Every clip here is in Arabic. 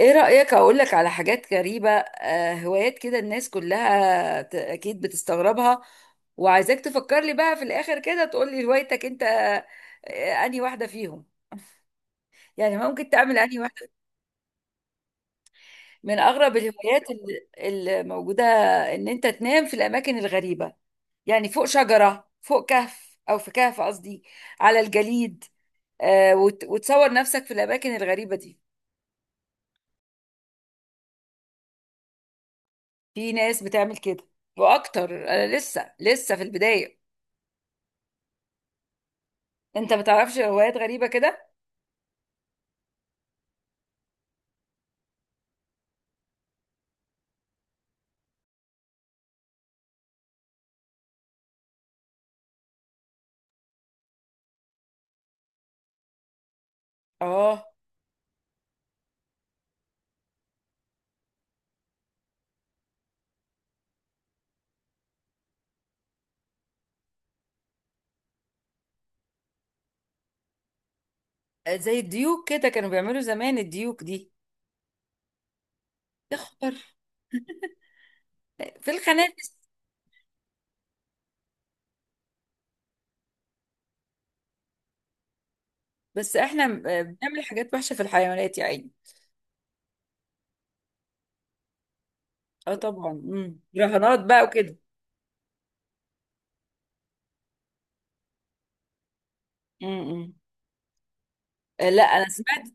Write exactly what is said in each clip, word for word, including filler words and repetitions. ايه رأيك اقول لك على حاجات غريبة، آه هوايات كده الناس كلها ت- اكيد بتستغربها. وعايزاك تفكر لي بقى في الاخر كده تقول لي هوايتك انت، آه انهي واحدة فيهم. يعني ممكن تعمل انهي واحدة. من اغرب الهوايات ال- اللي موجودة ان انت تنام في الاماكن الغريبة، يعني فوق شجرة، فوق كهف او في كهف قصدي، على الجليد. آه وت- وتصور نفسك في الاماكن الغريبة دي. في ناس بتعمل كده، واكتر. انا لسه لسه في البداية. انت بتعرفش روايات غريبة كده؟ اه، زي الديوك كده كانوا بيعملوا زمان الديوك دي. اخبر، في الخنافس. بس احنا م- آه، بنعمل حاجات وحشة في الحيوانات يا عيني. اه طبعا، امم رهانات بقى وكده. امم لا انا سمعت.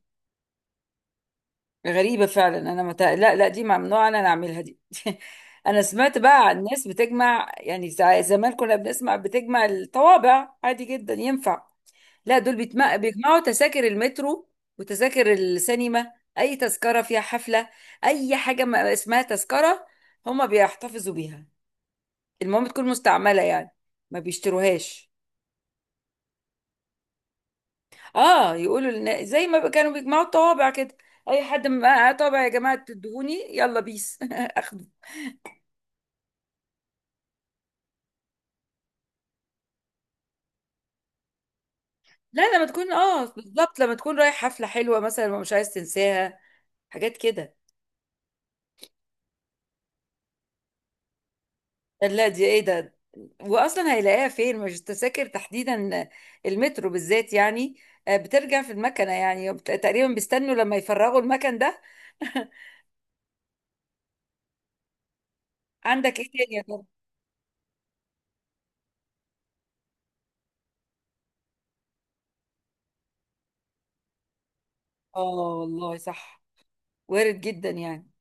غريبة فعلا. أنا مت... لا لا، دي ممنوع أنا أعملها دي. أنا سمعت بقى عن ناس بتجمع، يعني زع- زمان كنا بنسمع بتجمع الطوابع عادي جدا، ينفع. لا دول بيتم... بيجمعوا تذاكر المترو وتذاكر السينما. أي تذكرة فيها حفلة، أي حاجة ما اسمها تذكرة هما بيحتفظوا بيها. المهم تكون مستعملة يعني، ما بيشتروهاش. اه يقولوا لنا زي ما كانوا بيجمعوا الطوابع كده. اي حد معاه طابع يا جماعه تدهوني يلا بيس. لا لما تكون، اه بالظبط، لما تكون رايح حفلة حلوة مثلا ومش عايز تنساها، حاجات كده. لا دي ايه ده. واصلا هيلاقيها فين؟ مش التذاكر تحديدا، المترو بالذات يعني، آه، بترجع في المكنة يعني وبت- تقريبا بيستنوا لما يفرغوا المكن ده. عندك ايه تاني يا ترى؟ اه والله صح، وارد جدا يعني.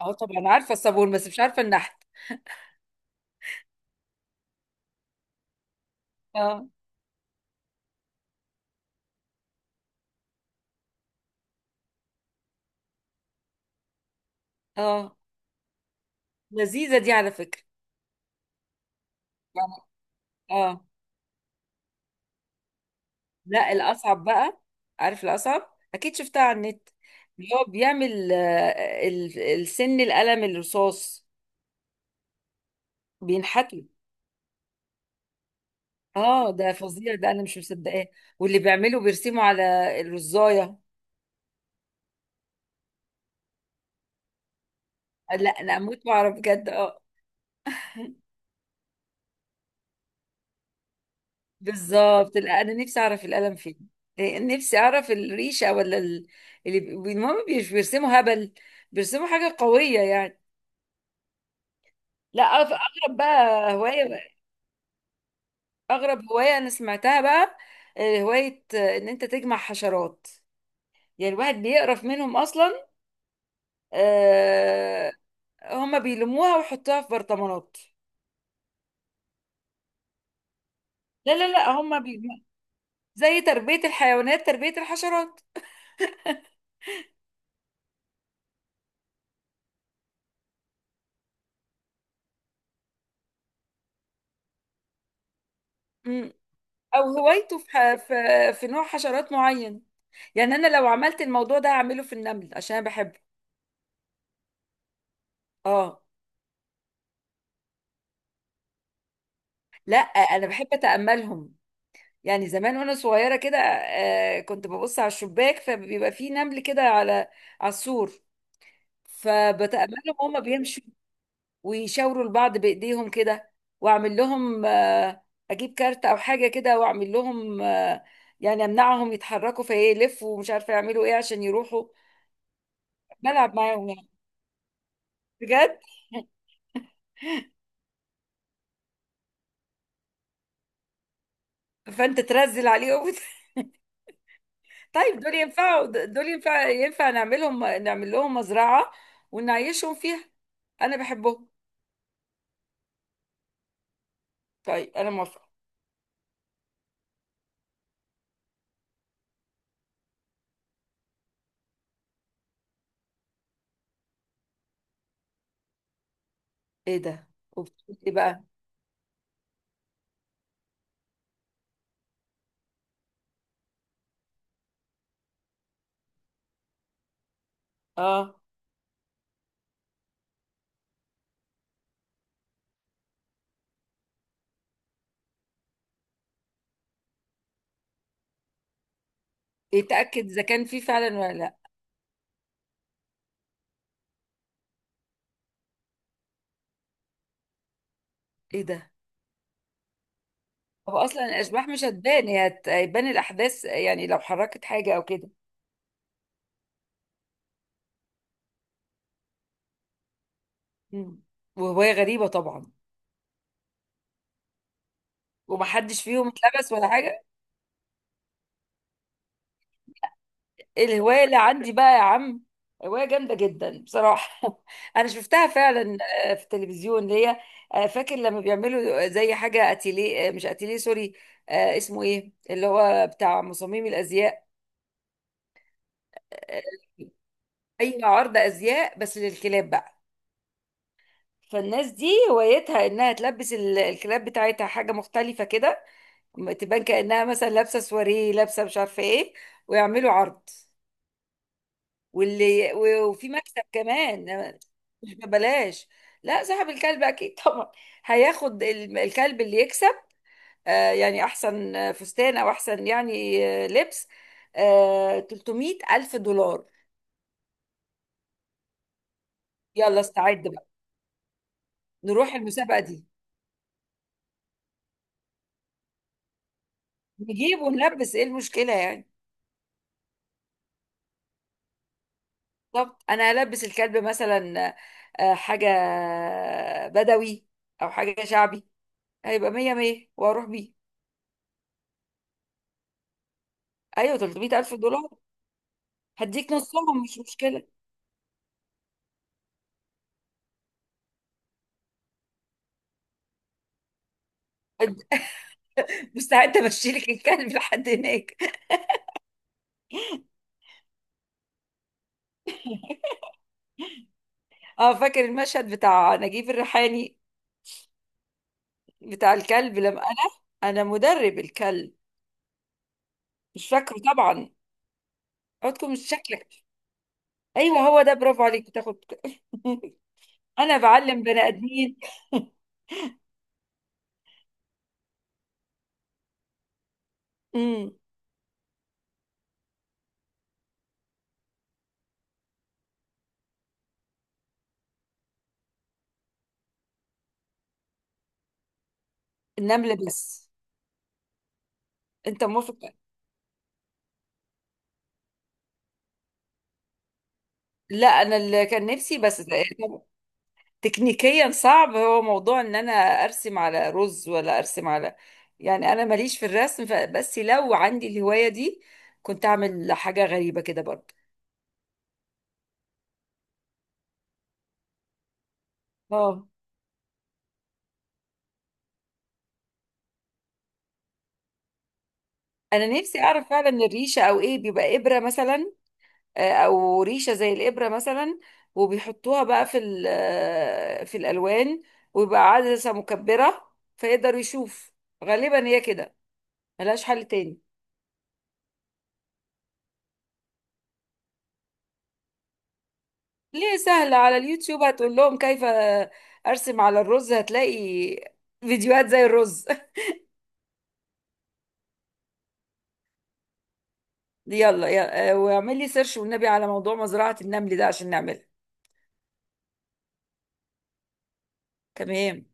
اه طبعا عارفة الصابون، بس مش عارفة النحت. اه اه، لذيذة دي على فكرة. يعني اه، لا الأصعب بقى. عارف الأصعب، أكيد شفتها على النت، اللي هو بيعمل آه، ال- السن القلم الرصاص بينحتوا. اه ده فظيع، ده أنا مش مصدقاه. واللي بيعمله بيرسموا على الرزاية. لا أنا أموت وأعرف بجد، اه. بالظبط، لا أنا نفسي أعرف القلم فين. إيه، نفسي أعرف الريشة ولا ال- اللي بي- المهم مش بيرسموا هبل، بيرسموا حاجة قوية يعني. لا أغ- أغرب بقى هواية، اغرب هوايه انا سمعتها بقى، آه، هوايه آه، ان انت تجمع حشرات. يعني الواحد بيقرف منهم اصلا. آه، هم بيلموها ويحطوها في برطمانات. لا لا لا هم بي... زي تربيه الحيوانات، تربيه الحشرات. مم. او هوايته في, ح... في في نوع حشرات معين. يعني انا لو عملت الموضوع ده هعمله في النمل عشان انا بحبه. اه لا انا بحب اتاملهم. يعني زمان وانا صغيره كده، آه، كنت ببص على الشباك، فبيبقى فيه نمل كده على على السور، فبتأملهم هما بيمشوا ويشاوروا لبعض بإيديهم كده. وأعمل لهم، آه، أجيب كارت أو حاجة كده وأعمل لهم، آه، يعني أمنعهم يتحركوا فيلفوا ومش عارفة يعملوا إيه عشان يروحوا. بلعب معاهم يعني. بجد، فأنت ترزل عليهم. طيب دول ينفعوا، دول ينفع ينفع نعملهم نعمل لهم مزرعة ونعيشهم فيها. أنا بحبهم. طيب أنا موافقة. إيه ده؟ وبتقول إيه بقى؟ آه. يتأكد إذا كان في فعلا ولا لأ. إيه ده؟ هو اصلا الاشباح مش هتبان، هي هت- هيبان الاحداث يعني، لو حركت حاجه او كده. مم. وهوايه غريبه طبعا. ومحدش فيهم اتلبس ولا حاجه؟ الهوايه اللي عندي بقى يا عم، هوايه جامده جدا بصراحه. انا شفتها فعلا، آه، في التلفزيون، اللي هي، آه، فاكر لما بيعملوا زي حاجه اتيليه؟ آه، مش اتيليه، سوري، آه، اسمه ايه اللي هو بتاع مصممي الازياء؟ آه، اي عرض ازياء، بس للكلاب بقى. فالناس دي هوايتها انها تلبس ال- الكلاب بتاعتها حاجه مختلفه كده، تبان كأنها مثلا لابسة سواريه، لابسة مش عارفة ايه، ويعملوا عرض. واللي و- وفي مكسب كمان، آه، مش ببلاش. لا صاحب الكلب اكيد طبعا، هياخد ال- الكلب اللي يكسب، آه، يعني احسن آه، فستان او احسن يعني، آه، لبس، آه، ثلاثمية الف دولار. يلا استعد بقى، نروح المسابقة دي. نجيب ونلبس، ايه المشكلة يعني. بالظبط، انا هلبس الكلب مثلا، آه، حاجة بدوي او حاجة شعبي. هيبقى مية مية واروح بيه. ايوه ثلاثمائة الف دولار، هديك نصهم، مش مشكله. هد- مستعده امشي لك الكلب لحد هناك. اه فاكر المشهد بتاع نجيب الريحاني بتاع الكلب لما انا، انا مدرب الكلب؟ مش فاكره طبعا. عودكم مش شكلك. ايوه هو ده، برافو عليك، بتاخد. انا بعلم بني ادمين. امم النمل بس. انت موافق. لا انا اللي كان نفسي بس، تكنيكيا صعب، هو موضوع ان انا ارسم على رز، ولا ارسم على، يعني انا ماليش في الرسم، ف- بس لو عندي الهواية دي كنت اعمل حاجة غريبة كده برضه. اه انا نفسي اعرف فعلا، الريشة او ايه، بيبقى ابرة مثلا، آه، او ريشة زي الابرة مثلا، وبيحطوها بقى في ال- آه، في الالوان، ويبقى عدسة مكبرة فيقدر يشوف. غالبا هي كده، ملهاش حل تاني. ليه، سهلة على اليوتيوب، هتقول لهم كيف أرسم على الرز هتلاقي فيديوهات زي الرز. يلا يلا، آه، واعمل لي سيرش والنبي على موضوع مزرعة النمل ده عشان نعملها. تمام.